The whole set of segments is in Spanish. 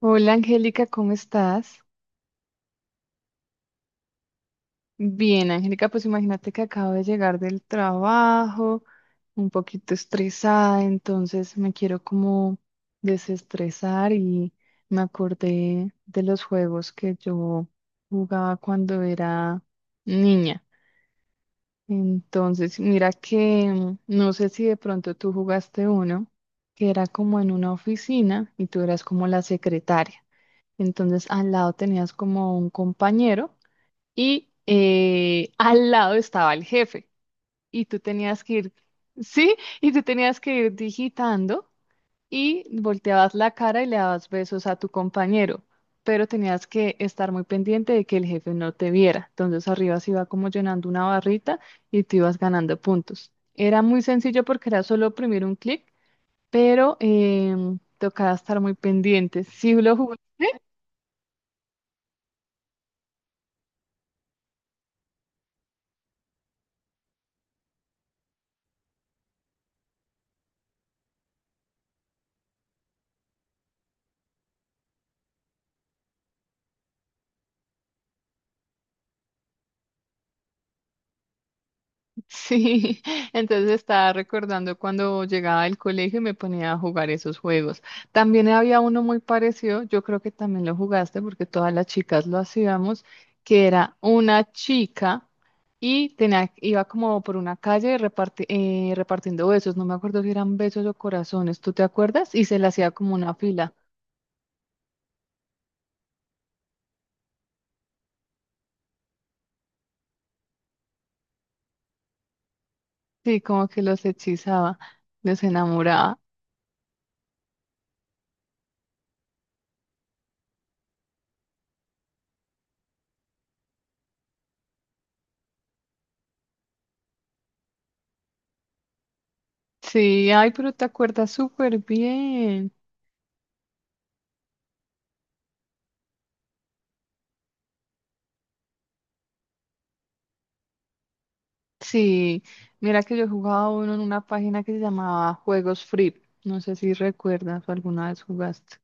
Hola Angélica, ¿cómo estás? Bien, Angélica, pues imagínate que acabo de llegar del trabajo, un poquito estresada, entonces me quiero como desestresar y me acordé de los juegos que yo jugaba cuando era niña. Entonces, mira que no sé si de pronto tú jugaste uno que era como en una oficina y tú eras como la secretaria. Entonces, al lado tenías como un compañero y al lado estaba el jefe y tú tenías que ir, sí, y tú tenías que ir digitando y volteabas la cara y le dabas besos a tu compañero, pero tenías que estar muy pendiente de que el jefe no te viera. Entonces arriba se iba como llenando una barrita y tú ibas ganando puntos. Era muy sencillo porque era solo oprimir un clic, pero tocaba estar muy pendiente. Sí lo jugué. Sí, entonces estaba recordando cuando llegaba del colegio y me ponía a jugar esos juegos. También había uno muy parecido, yo creo que también lo jugaste porque todas las chicas lo hacíamos, que era una chica y tenía, iba como por una calle repartiendo besos, no me acuerdo si eran besos o corazones, ¿tú te acuerdas? Y se le hacía como una fila, sí, como que los hechizaba, los enamoraba. Sí, ay, pero te acuerdas súper bien. Sí, mira que yo jugaba uno en una página que se llamaba Juegos Free. No sé si recuerdas o alguna vez jugaste.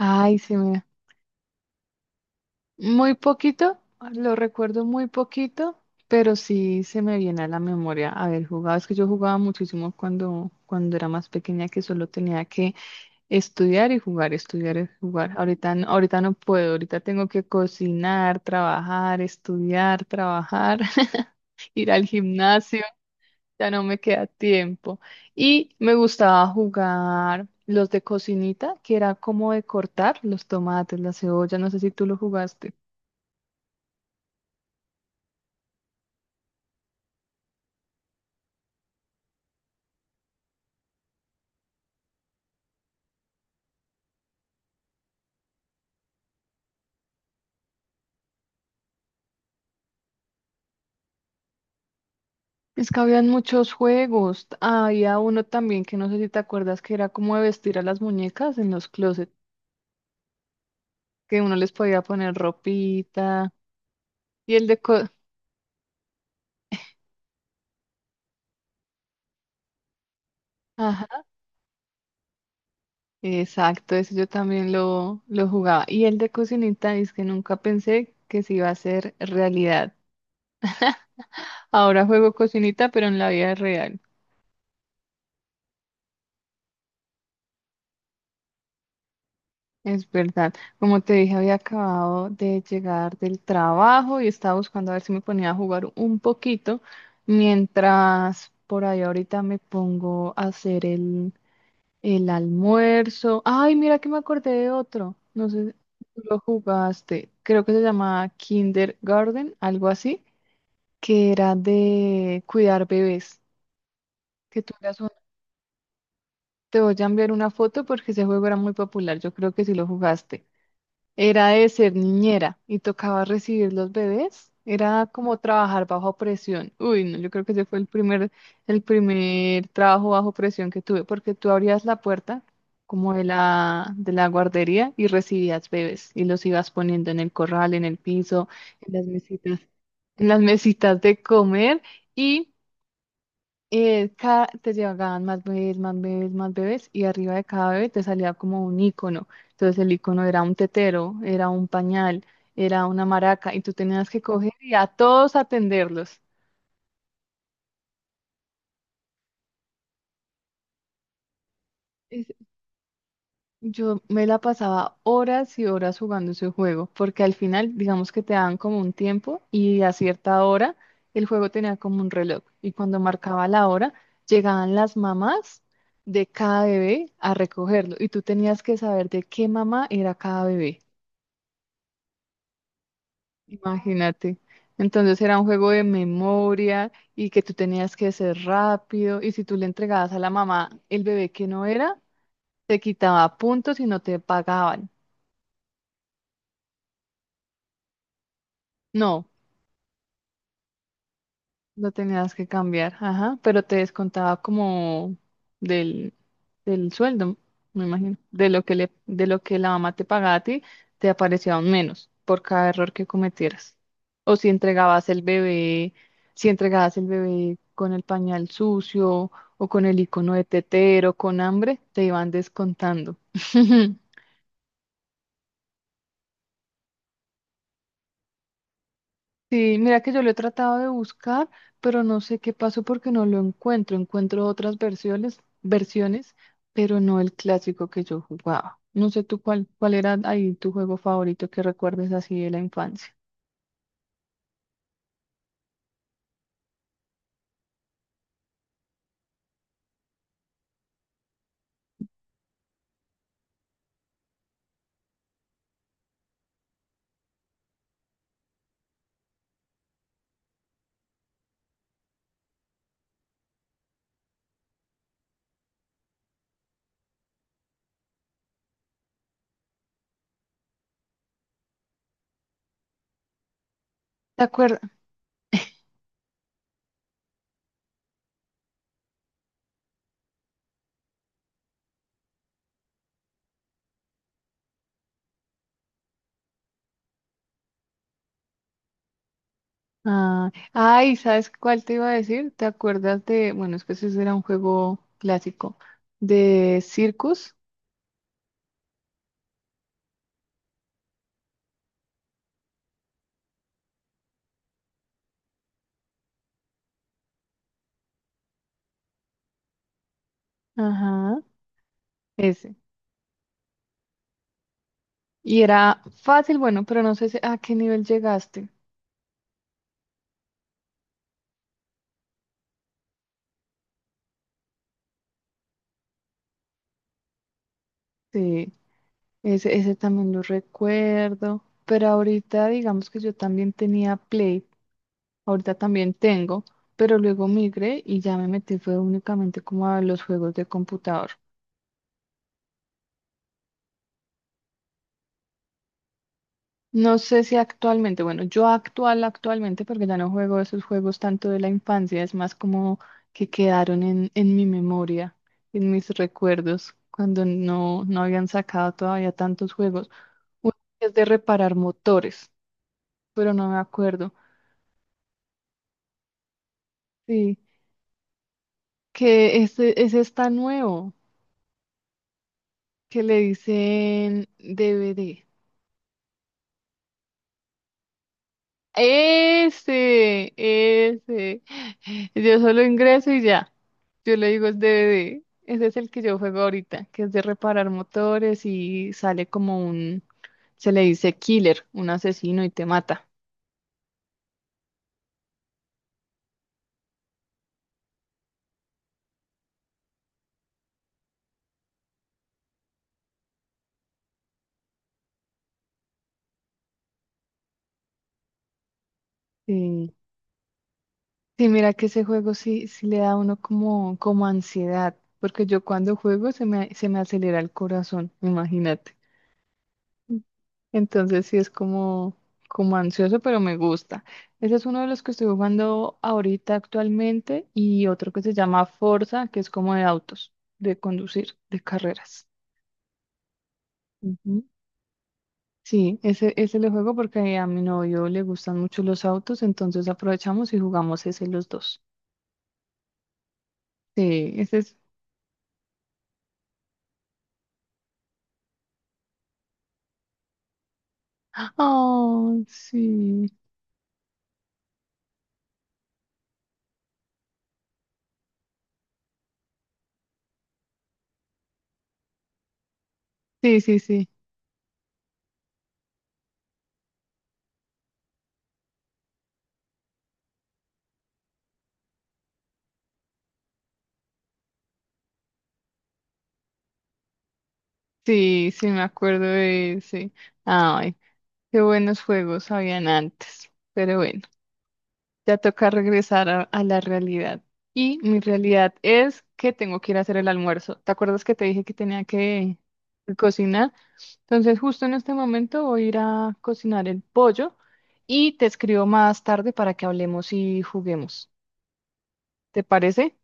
Ay, sí, mira. Muy poquito, lo recuerdo muy poquito, pero sí se me viene a la memoria haber jugado. Es que yo jugaba muchísimo cuando era más pequeña, que solo tenía que estudiar y jugar, estudiar y jugar. Ahorita no puedo, ahorita tengo que cocinar, trabajar, estudiar, trabajar, ir al gimnasio. Ya no me queda tiempo. Y me gustaba jugar los de cocinita, que era como de cortar los tomates, la cebolla, no sé si tú lo jugaste. Es que habían muchos juegos. Había uno también que no sé si te acuerdas que era como de vestir a las muñecas en los closets, que uno les podía poner ropita. Y el de co- Ajá, exacto, ese yo también lo jugaba. Y el de cocinita es que nunca pensé que se iba a hacer realidad. Ahora juego cocinita, pero en la vida real. Es verdad. Como te dije, había acabado de llegar del trabajo y estaba buscando a ver si me ponía a jugar un poquito, mientras por ahí ahorita me pongo a hacer el almuerzo. Ay, mira que me acordé de otro. No sé si tú lo jugaste. Creo que se llamaba Kindergarten, algo así, que era de cuidar bebés. Que tú eras un- Te voy a enviar una foto porque ese juego era muy popular. Yo creo que sí lo jugaste. Era de ser niñera y tocaba recibir los bebés. Era como trabajar bajo presión. Uy, no, yo creo que ese fue el primer trabajo bajo presión que tuve, porque tú abrías la puerta como de de la guardería y recibías bebés y los ibas poniendo en el corral, en el piso, en las mesitas, en las mesitas de comer y te llegaban más bebés, más bebés, más bebés, y arriba de cada bebé te salía como un icono. Entonces el icono era un tetero, era un pañal, era una maraca, y tú tenías que coger y a todos atenderlos. Yo me la pasaba horas y horas jugando ese juego, porque al final, digamos que te daban como un tiempo y a cierta hora el juego tenía como un reloj y cuando marcaba la hora llegaban las mamás de cada bebé a recogerlo y tú tenías que saber de qué mamá era cada bebé, imagínate. Entonces era un juego de memoria y que tú tenías que ser rápido y si tú le entregabas a la mamá el bebé que no era, te quitaba puntos y no te pagaban. No. Lo tenías que cambiar, ajá, pero te descontaba como del, del sueldo, me imagino, de de lo que la mamá te pagaba a ti, te aparecía un menos por cada error que cometieras. O si entregabas el bebé, si entregabas el bebé con el pañal sucio o con el icono de tetero, con hambre, te iban descontando. Sí, mira que yo lo he tratado de buscar, pero no sé qué pasó porque no lo encuentro. Encuentro otras versiones, pero no el clásico que yo jugaba. No sé tú cuál era ahí tu juego favorito que recuerdes así de la infancia. ¿Te acuerdas? Ah, ay, ¿sabes cuál te iba a decir? ¿Te acuerdas de, bueno, es que ese era un juego clásico, de Circus? Ajá, ese. Y era fácil, bueno, pero no sé si- a qué nivel llegaste. Sí. Ese también lo recuerdo, pero ahorita digamos que yo también tenía Play, ahorita también tengo, pero luego migré y ya me metí fue únicamente como a los juegos de computador. No sé si actualmente, bueno, yo actualmente porque ya no juego esos juegos tanto de la infancia, es más como que quedaron en mi memoria, en mis recuerdos, cuando no habían sacado todavía tantos juegos. Uno es de reparar motores, pero no me acuerdo. Sí. Que ese está nuevo, que le dicen DVD. Ese, ese. Yo solo ingreso y ya. Yo le digo es DVD. Ese es el que yo juego ahorita, que es de reparar motores y sale como un, se le dice killer, un asesino y te mata. Sí. Sí, mira que ese juego sí, sí le da a uno como, como ansiedad, porque yo cuando juego se se me acelera el corazón, imagínate. Entonces sí es como, como ansioso, pero me gusta. Ese es uno de los que estoy jugando ahorita actualmente y otro que se llama Forza, que es como de autos, de conducir, de carreras. Ujú. Sí, ese le juego porque a mi novio le gustan mucho los autos, entonces aprovechamos y jugamos ese los dos. Sí, ese es... Oh, sí. Sí, sí, sí. Sí, sí, me acuerdo de ese. Ay, qué buenos juegos habían antes. Pero bueno. Ya toca regresar a la realidad. Y mi realidad es que tengo que ir a hacer el almuerzo. ¿Te acuerdas que te dije que tenía que cocinar? Entonces, justo en este momento voy a ir a cocinar el pollo y te escribo más tarde para que hablemos y juguemos. ¿Te parece?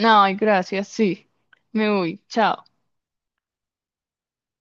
No, gracias, sí. Me voy. Chao.